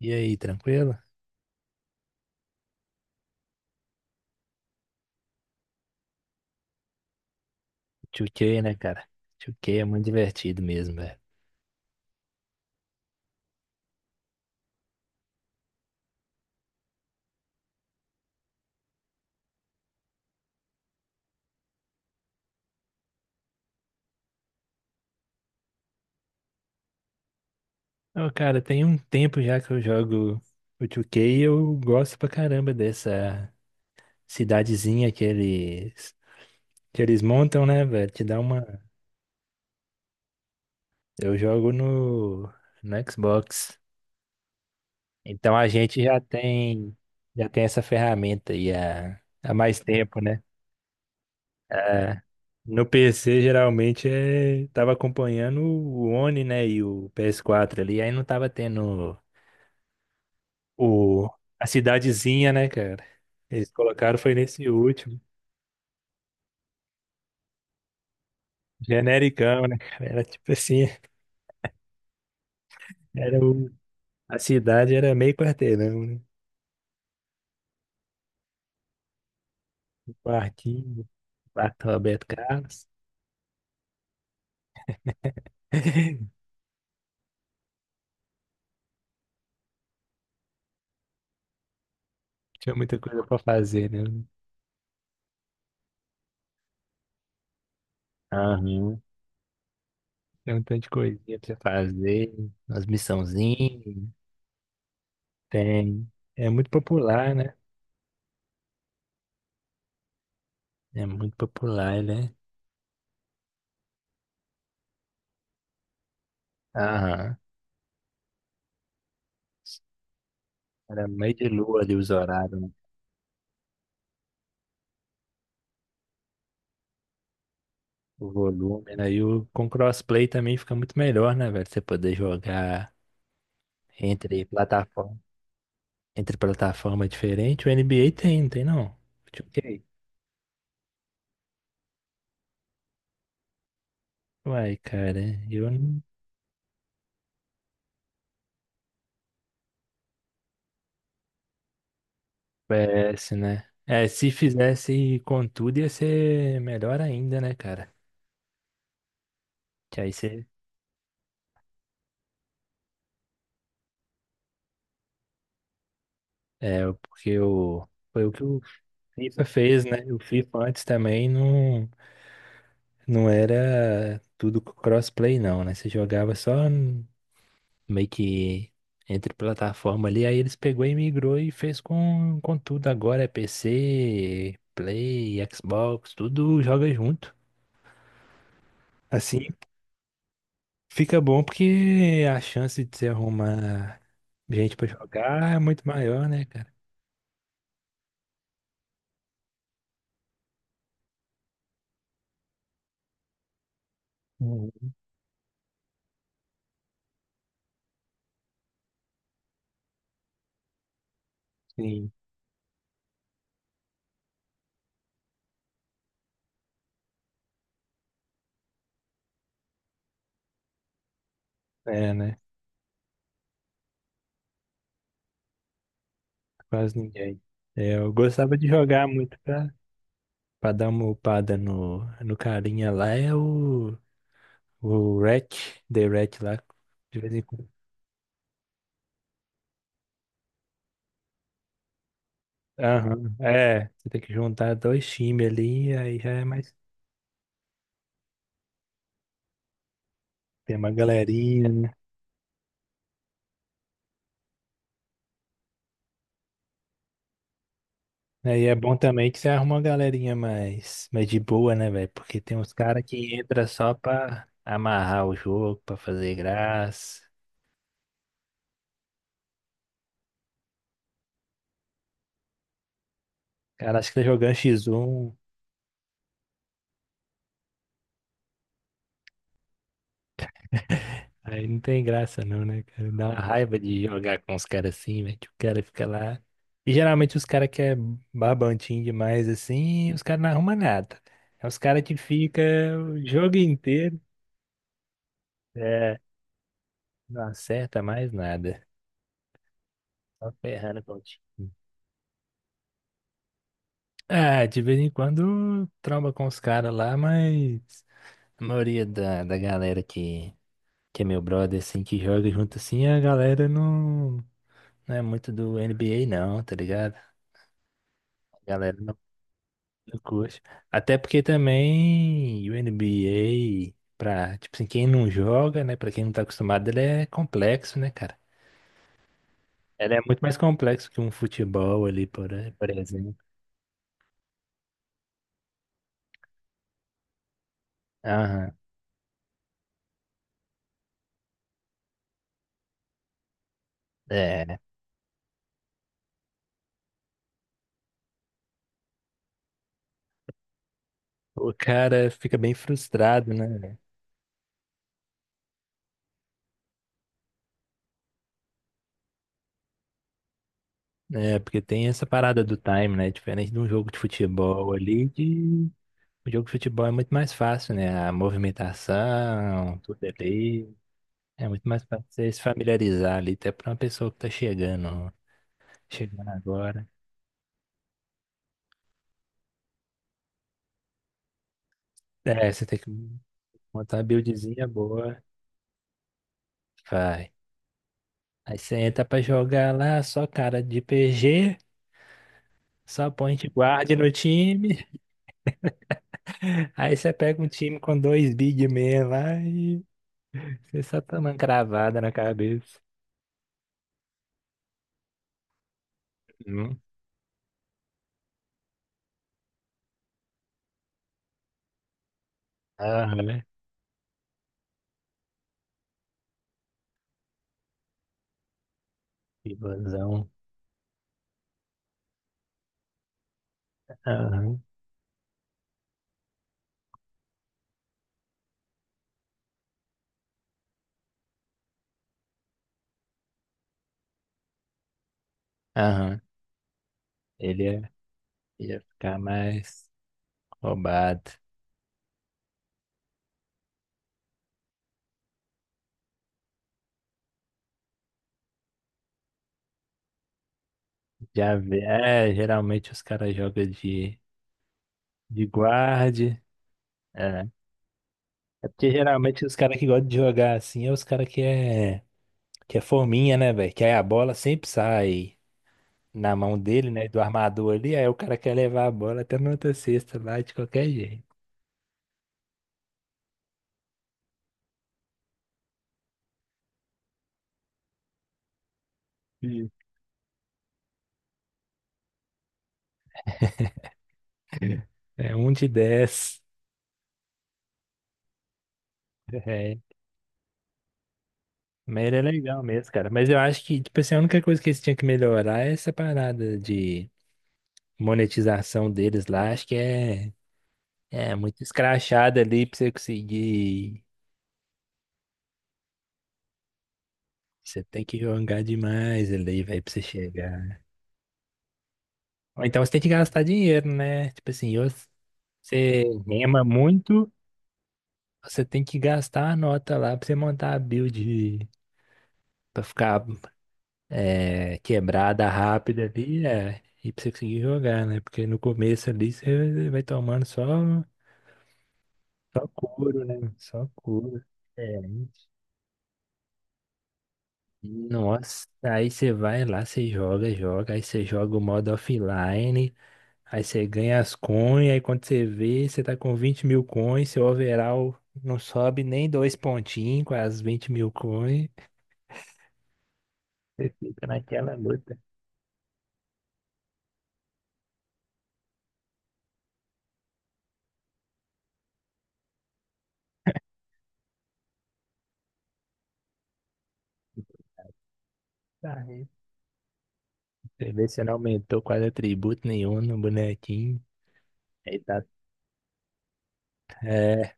E aí, tranquilo? 2K, né, cara? 2K é muito divertido mesmo, velho. Ô, cara, tem um tempo já que eu jogo o 2K e eu gosto pra caramba dessa cidadezinha que eles montam, né, velho? Te dá uma. Eu jogo no Xbox. Então a gente já tem essa ferramenta aí há mais tempo, né? É, no PC geralmente é, tava acompanhando o One, né, e o PS4 ali, aí não tava tendo o, a cidadezinha, né, cara? Eles colocaram foi nesse último, genericão, né, cara? Era tipo assim, era o, a cidade era meio quarteirão, né? Um Quartinho, quarto Roberto Carlos. Tinha muita coisa pra fazer, né? Aham. Tem um tanto de coisinha pra você fazer, umas missãozinhas, tem. É muito popular, né? É muito popular, né? Aham. Era meio de lua ali os horários, né? O volume, né? Com crossplay também fica muito melhor, né, velho? Você poder jogar entre plataforma, entre plataforma diferente. O NBA tem, não tem não? Ok. Uai, cara, eu não PS, né? É, se fizesse com tudo ia ser melhor ainda, né, cara? Que aí você. É, porque o. Foi o que o FIFA fez, né? O FIFA antes também não. Não era tudo crossplay, não, né? Você jogava só meio que entre plataforma ali, aí eles pegou e migrou e fez com tudo. Agora é PC, Play, Xbox, tudo joga junto. Assim fica bom porque a chance de você arrumar gente pra jogar é muito maior, né, cara? Uhum. Sim, é, né? Quase ninguém. É, eu gostava de jogar muito pra dar uma upada no carinha lá, é o. O REC, The REC lá. De vez em quando. Aham, é. Você tem que juntar dois times ali, aí já é mais. Tem uma galerinha, né? Aí é bom também que você arruma uma galerinha mais de boa, né, velho? Porque tem uns caras que entra só pra amarrar o jogo, pra fazer graça. Cara, acho que tá jogando X1. Aí não tem graça não, né, cara? Dá uma raiva de jogar com os caras assim, velho. Tipo, o cara fica lá. E geralmente os caras que é babantinho demais assim, os caras não arrumam nada. É os caras que fica o jogo inteiro, é, não acerta mais nada. Só ferrando com o time. Ah, de vez em quando tromba com os caras lá, mas a maioria da galera que é meu brother, assim, que joga junto assim, a galera não é muito do NBA não, tá ligado? Galera, não, não curte. Até porque também o NBA, pra, tipo assim, quem não joga, né? Pra quem não tá acostumado, ele é complexo, né, cara? Ele é muito mais complexo que um futebol ali, por exemplo. Aham. É. O cara fica bem frustrado, né? É, porque tem essa parada do time, né? Diferente de um jogo de futebol ali, de o jogo de futebol é muito mais fácil, né? A movimentação, tudo ali. É muito mais fácil você se familiarizar ali, até pra uma pessoa que tá chegando agora. É, você tem que montar uma buildzinha boa. Vai. Aí você entra pra jogar lá, só cara de PG, só point guard no time. Aí você pega um time com dois big men lá e você só toma cravada na cabeça. Hum. Aham, né? Pivôzão. Aham, aham. Ele ia ficar mais roubado. Já vê. É, geralmente os caras jogam de guarde. É. É porque geralmente os caras que gostam de jogar assim é os caras que é, forminha, né, velho? Que aí a bola sempre sai na mão dele, né? Do armador ali. Aí o cara quer levar a bola até na outra cesta lá de qualquer jeito. Sim. É um de dez. É. Mas ele é legal mesmo, cara. Mas eu acho que, tipo assim, a única coisa que eles tinham que melhorar é essa parada de monetização deles lá. Acho que é. É muito escrachado ali pra você conseguir. Você tem que jogar demais ali, velho, pra você chegar. Ou então você tem que gastar dinheiro, né? Tipo assim, ou você rema muito, você tem que gastar a nota lá pra você montar a build pra ficar é, quebrada rápida ali, é. E pra você conseguir jogar, né? Porque no começo ali você vai tomando só couro, né? Só couro. É. Nossa, aí você vai lá, você joga, joga, aí você joga o modo offline, aí você ganha as coins, aí quando você vê, você tá com 20 mil coins, seu overall não sobe nem dois pontinhos com as 20 mil coins, fica naquela luta. Tá, aí você vê se não aumentou quase atributo nenhum no bonequinho, aí tá é,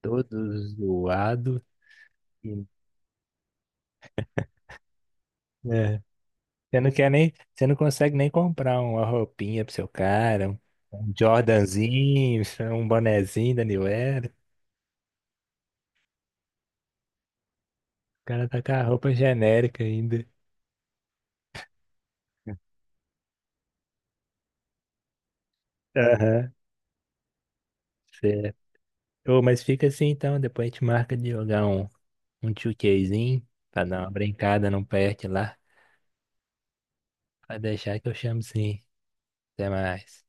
todo zoado. É. Você não consegue nem comprar uma roupinha pro seu cara, um Jordanzinho, um bonezinho da New Era. O cara tá com a roupa genérica ainda. Aham, certo. Ô, mas fica assim então, depois a gente marca de jogar um, 2Kzinho pra dar uma brincada, não perde lá. Vai deixar que eu chamo sim. Até mais.